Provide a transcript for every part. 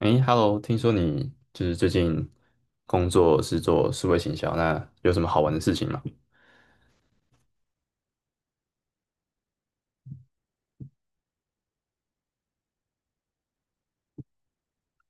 诶 h e l l o 听说你就是最近工作是做数位行销，那有什么好玩的事情吗？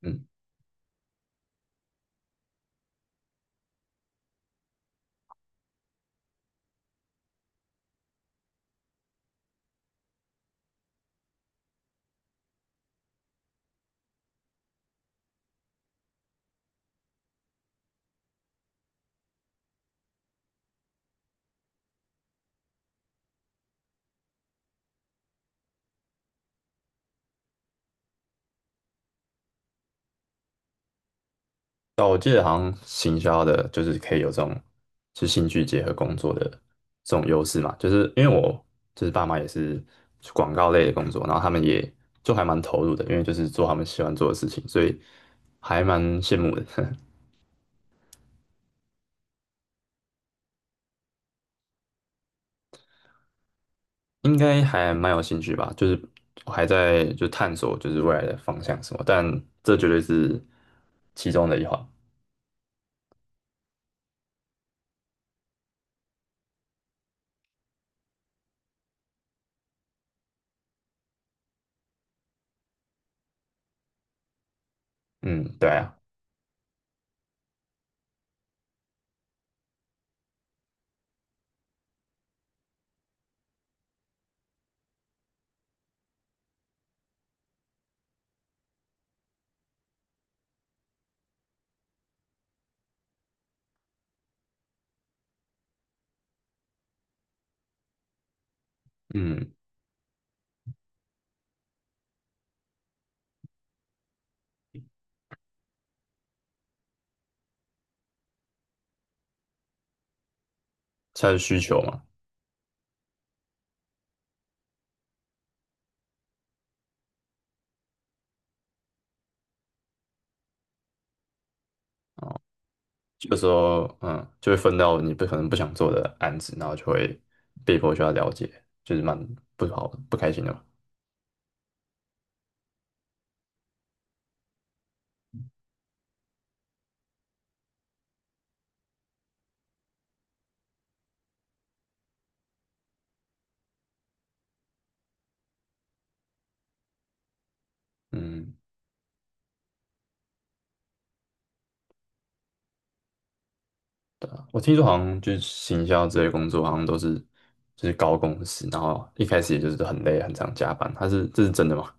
嗯，但我记得好像行销的，就是可以有这种是兴趣结合工作的这种优势嘛，就是因为我就是爸妈也是广告类的工作，然后他们也就还蛮投入的，因为就是做他们喜欢做的事情，所以还蛮羡慕的，应该还蛮有兴趣吧，就是我还在就探索就是未来的方向什么，但这绝对是其中的一环。嗯，对啊，嗯，它的需求嘛，有时候就会分到你不可能不想做的案子，然后就会被迫需要了解，就是蛮不好不开心的嘛。嗯，对啊，我听说好像就是行销这类工作，好像都是就是高工资，然后一开始也就是很累，很常加班，他是这是真的吗？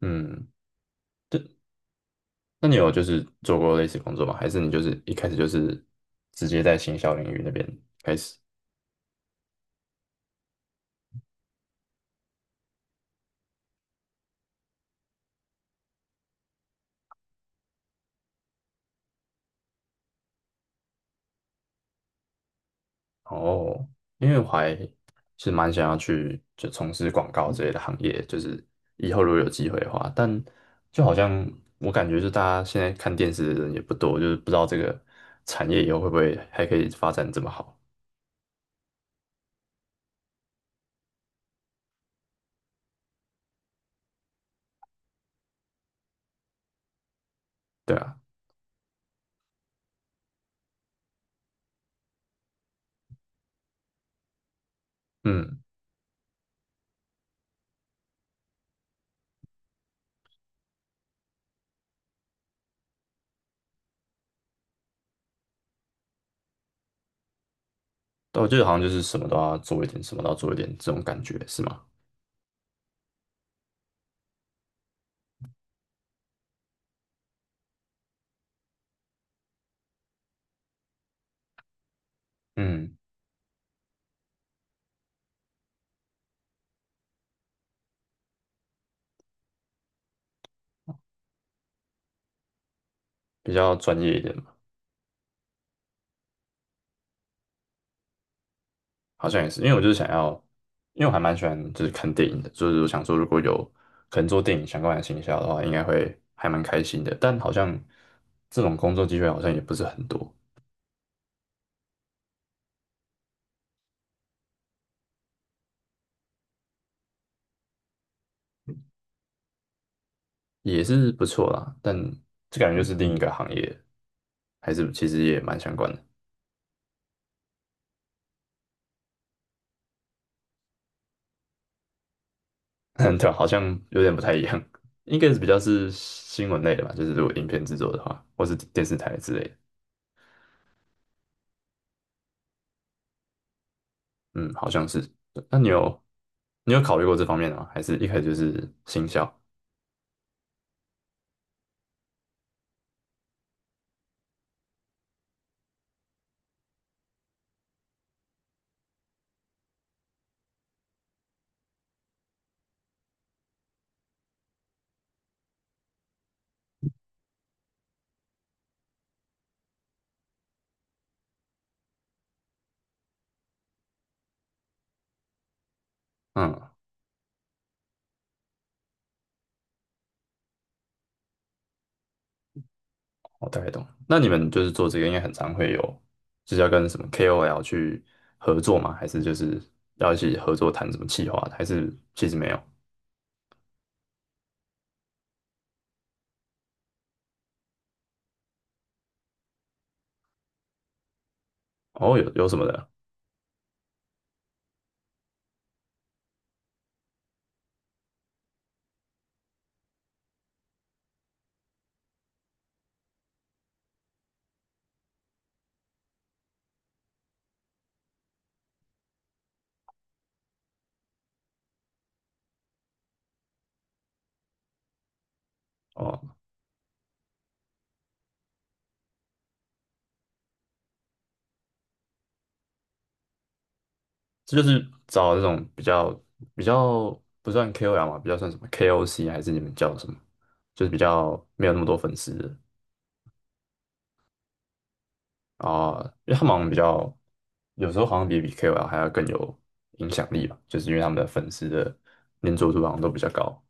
嗯，对，那你有就是做过类似工作吗？还是你就是一开始就是直接在行销领域那边开始？哦，因为我还是蛮想要去就从事广告之类的行业，就是以后如果有机会的话，但就好像我感觉，是大家现在看电视的人也不多，就是不知道这个产业以后会不会还可以发展这么好，对啊，嗯，但我觉得好像就是什么都要做一点，什么都要做一点这种感觉，是吗？嗯，比较专业一点，好像也是，因为我就是想要，因为我还蛮喜欢就是看电影的，就是我想说如果有可能做电影相关的行销的话，应该会还蛮开心的。但好像这种工作机会好像也不是很多，也是不错啦，但这感觉就是另一个行业，还是其实也蛮相关的。对啊，好像有点不太一样，应该是比较是新闻类的吧，就是如果影片制作的话，或是电视台之类的。嗯，好像是。对那你有考虑过这方面的吗？还是一开始就是行销？嗯。我大概懂。那你们就是做这个，应该很常会有，就是要跟什么 KOL 去合作吗？还是就是要一起合作谈什么企划还是其实没有？哦，有什么的？哦，这就是找那种比较不算 KOL 嘛，比较算什么 KOC 还是你们叫什么？就是比较没有那么多粉丝的啊，因为他们好像比较有时候好像比 KOL 还要更有影响力吧，就是因为他们的粉丝的粘着度好像都比较高。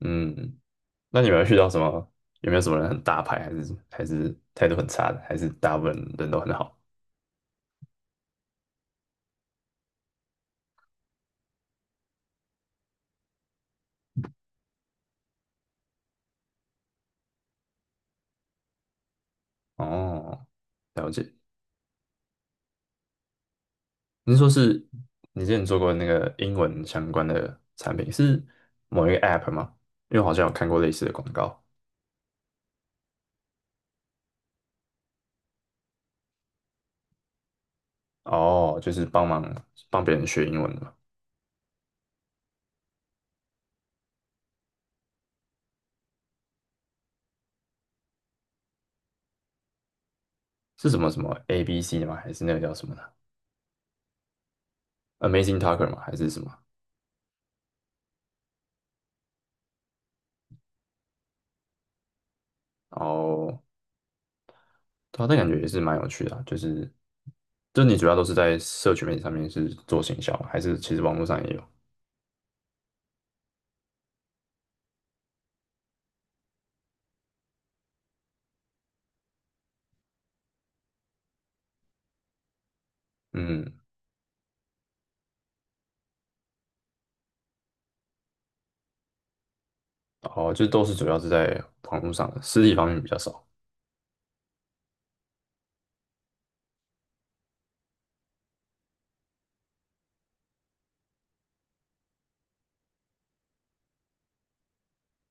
嗯，那你们有遇到什么？有没有什么人很大牌，还是态度很差的，还是大部分人都很好？哦，了解。您说是你之前做过那个英文相关的产品，是某一个 App 吗？因为我好像有看过类似的广告。哦，就是帮别人学英文的嘛？是什么什么 ABC 吗？还是那个叫什么呢？Amazing Talker 吗？还是什么？哦，对啊，但感觉也是蛮有趣的啊就是，就你主要都是在社群媒体上面是做行销吗还是其实网络上也有？嗯。哦，就都是主要是在网络上的，实体方面比较少，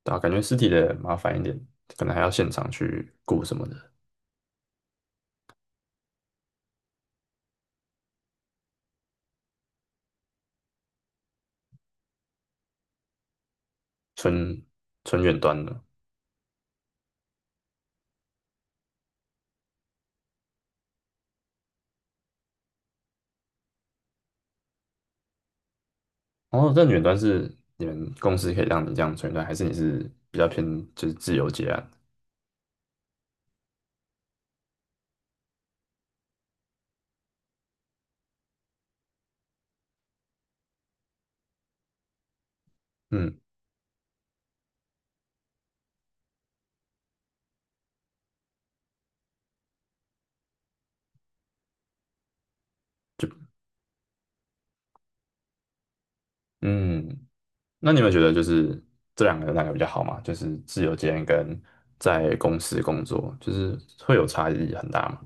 对啊，感觉实体的麻烦一点，可能还要现场去雇什么的，纯纯远端的。哦，但远端是你们公司可以让你这样纯远端，还是你是比较偏就是自由接案？嗯嗯，那你们觉得就是这两个哪个比较好嘛？就是自由接案跟在公司工作，就是会有差异很大嘛？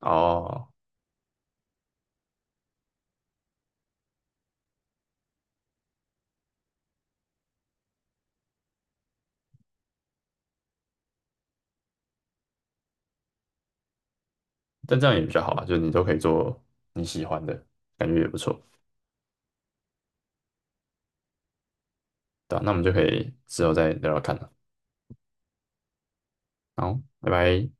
哦，但这样也比较好啊，就是你都可以做你喜欢的，感觉也不错。对啊，那我们就可以之后再聊聊看了。好，拜拜。